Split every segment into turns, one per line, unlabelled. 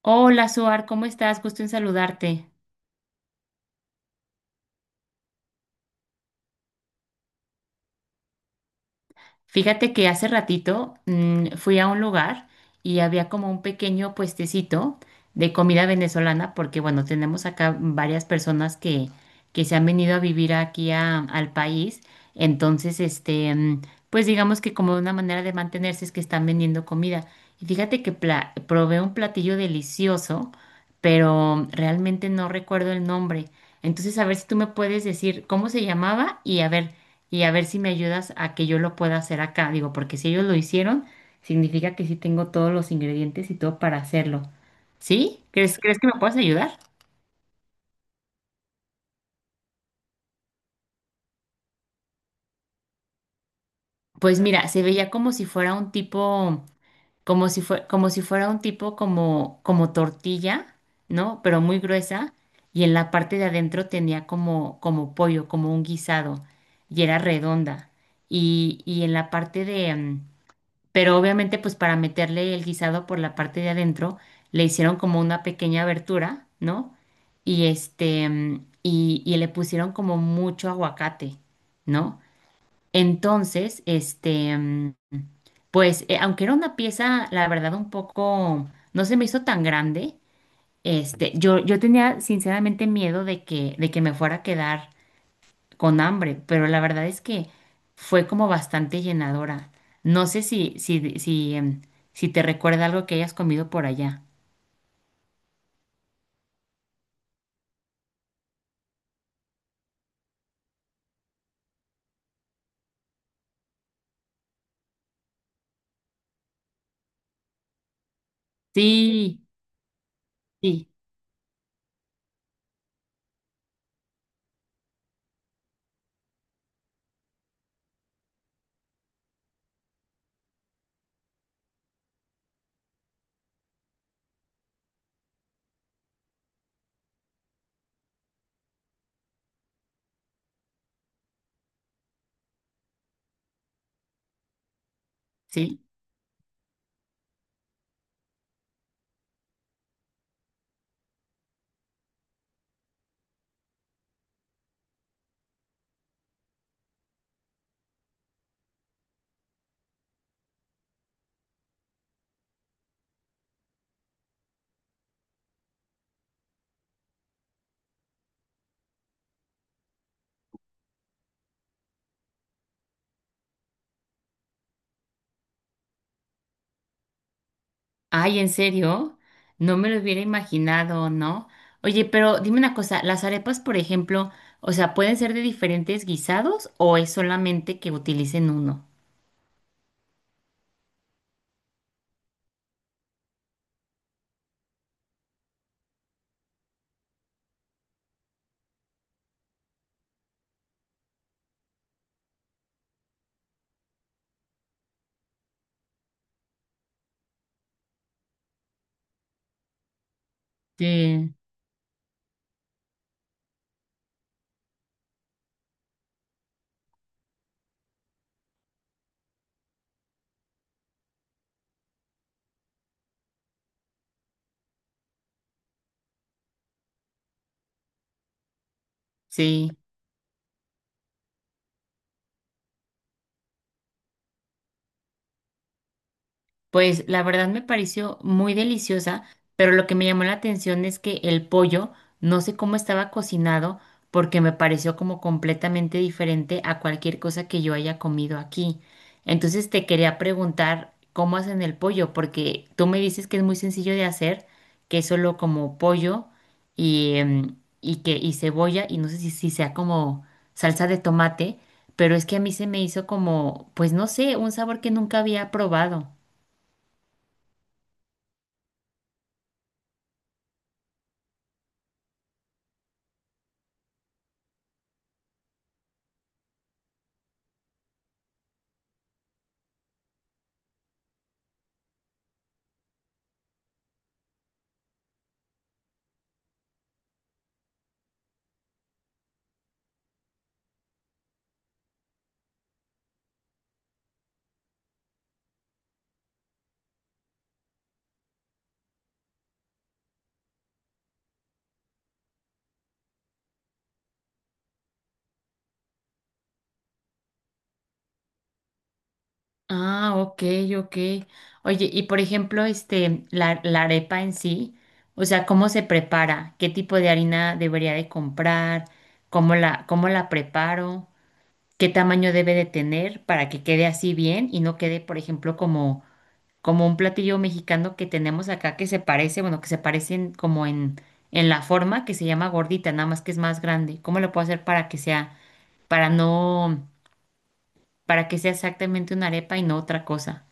Hola, Suar, ¿cómo estás? Gusto en saludarte. Fíjate que hace ratito fui a un lugar y había como un pequeño puestecito de comida venezolana, porque bueno, tenemos acá varias personas que se han venido a vivir aquí al país. Entonces, pues digamos que como una manera de mantenerse es que están vendiendo comida. Y fíjate que probé un platillo delicioso, pero realmente no recuerdo el nombre. Entonces, a ver si tú me puedes decir cómo se llamaba y a ver si me ayudas a que yo lo pueda hacer acá. Digo, porque si ellos lo hicieron, significa que sí tengo todos los ingredientes y todo para hacerlo. ¿Sí? Crees que me puedes ayudar? Pues mira, se veía como si fuera un tipo, como si fuera un tipo como tortilla, ¿no? Pero muy gruesa. Y en la parte de adentro tenía como pollo, como un guisado. Y era redonda. Y en la parte de, pero obviamente pues para meterle el guisado por la parte de adentro le hicieron como una pequeña abertura, ¿no? Y le pusieron como mucho aguacate, ¿no? Entonces, pues aunque era una pieza, la verdad, un poco, no se me hizo tan grande, yo tenía sinceramente miedo de de que me fuera a quedar con hambre, pero la verdad es que fue como bastante llenadora. No sé si te recuerda algo que hayas comido por allá. Sí, sí, sí. Ay, ¿en serio? No me lo hubiera imaginado, ¿no? Oye, pero dime una cosa, las arepas, por ejemplo, o sea, ¿pueden ser de diferentes guisados o es solamente que utilicen uno? Sí, sí. Pues la verdad me pareció muy deliciosa, pero lo que me llamó la atención es que el pollo, no sé cómo estaba cocinado, porque me pareció como completamente diferente a cualquier cosa que yo haya comido aquí. Entonces te quería preguntar cómo hacen el pollo, porque tú me dices que es muy sencillo de hacer, que es solo como pollo y, em, y que y cebolla y no sé si sea como salsa de tomate, pero es que a mí se me hizo como, pues no sé, un sabor que nunca había probado. Ah, ok, ok. Oye, y por ejemplo, este, la arepa en sí, o sea, ¿cómo se prepara? ¿Qué tipo de harina debería de comprar? Cómo la preparo? ¿Qué tamaño debe de tener para que quede así bien y no quede, por ejemplo, como un platillo mexicano que tenemos acá que se parece, bueno, que se parecen en la forma que se llama gordita, nada más que es más grande. ¿Cómo lo puedo hacer para que sea, para no, para que sea exactamente una arepa y no otra cosa?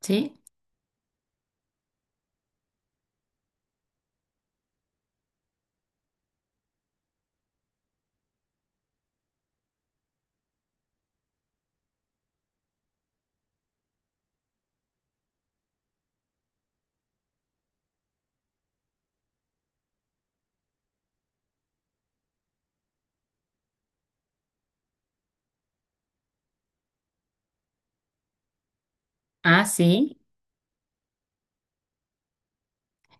¿Sí? Ah, sí.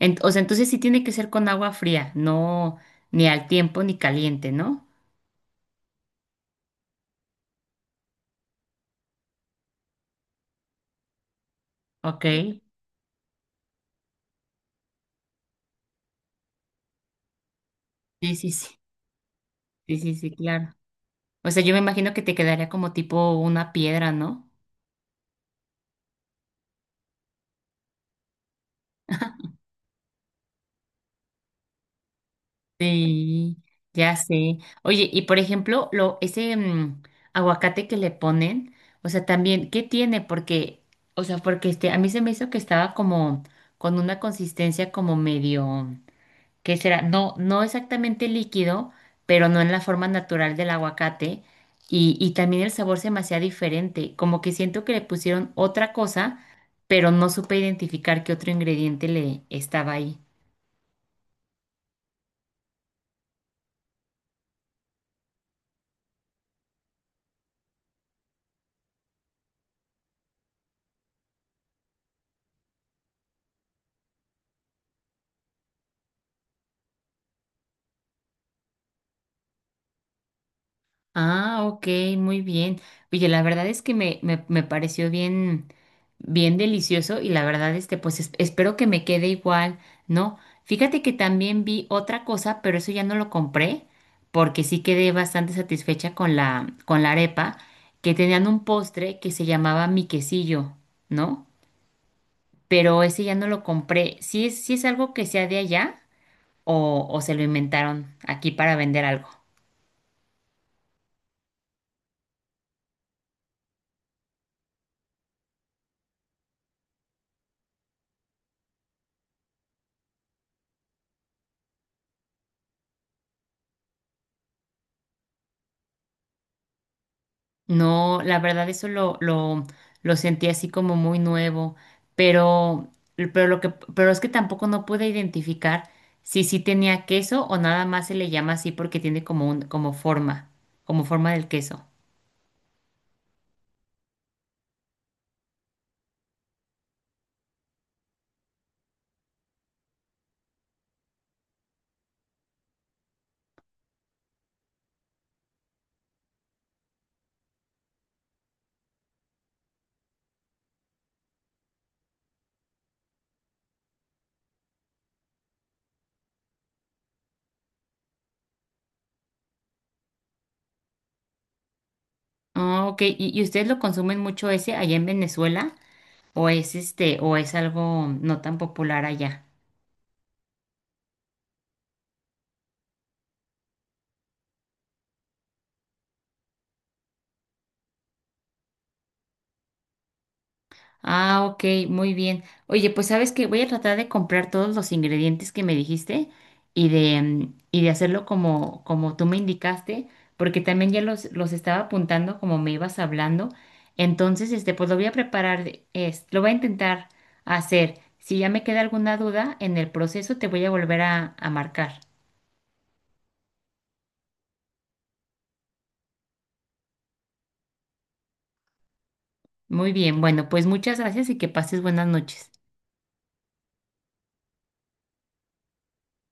O sea, entonces sí tiene que ser con agua fría, no ni al tiempo ni caliente, ¿no? Ok. Sí, sí, sí. Sí, sí, sí, claro. O sea, yo me imagino que te quedaría como tipo una piedra, ¿no? Sí, ya sé. Oye, y por ejemplo, ese aguacate que le ponen, o sea, también, ¿qué tiene? Porque, o sea, porque este, a mí se me hizo que estaba como con una consistencia como medio. ¿Qué será? No exactamente líquido, pero no en la forma natural del aguacate. Y también el sabor se me hacía diferente, como que siento que le pusieron otra cosa, pero no supe identificar qué otro ingrediente le estaba ahí. Ah, ok, muy bien. Oye, la verdad es que me pareció bien, bien delicioso y la verdad, este, pues espero que me quede igual, ¿no? Fíjate que también vi otra cosa, pero eso ya no lo compré porque sí quedé bastante satisfecha con con la arepa, que tenían un postre que se llamaba mi quesillo, ¿no? Pero ese ya no lo compré. Sí es algo que sea de allá o se lo inventaron aquí para vender algo? No, la verdad eso lo sentí así como muy nuevo, pero, pero, pero es que tampoco no pude identificar si sí tenía queso o nada más se le llama así porque tiene como un, como forma del queso. Ah, ok, ¿Y ustedes lo consumen mucho ese allá en Venezuela o es este, o es algo no tan popular allá? Ah, ok, muy bien. Oye, pues sabes que voy a tratar de comprar todos los ingredientes que me dijiste y y de hacerlo como, como tú me indicaste, porque también ya los estaba apuntando como me ibas hablando. Entonces, este, pues lo voy a preparar, lo voy a intentar hacer. Si ya me queda alguna duda en el proceso, te voy a volver a marcar. Muy bien, bueno, pues muchas gracias y que pases buenas noches.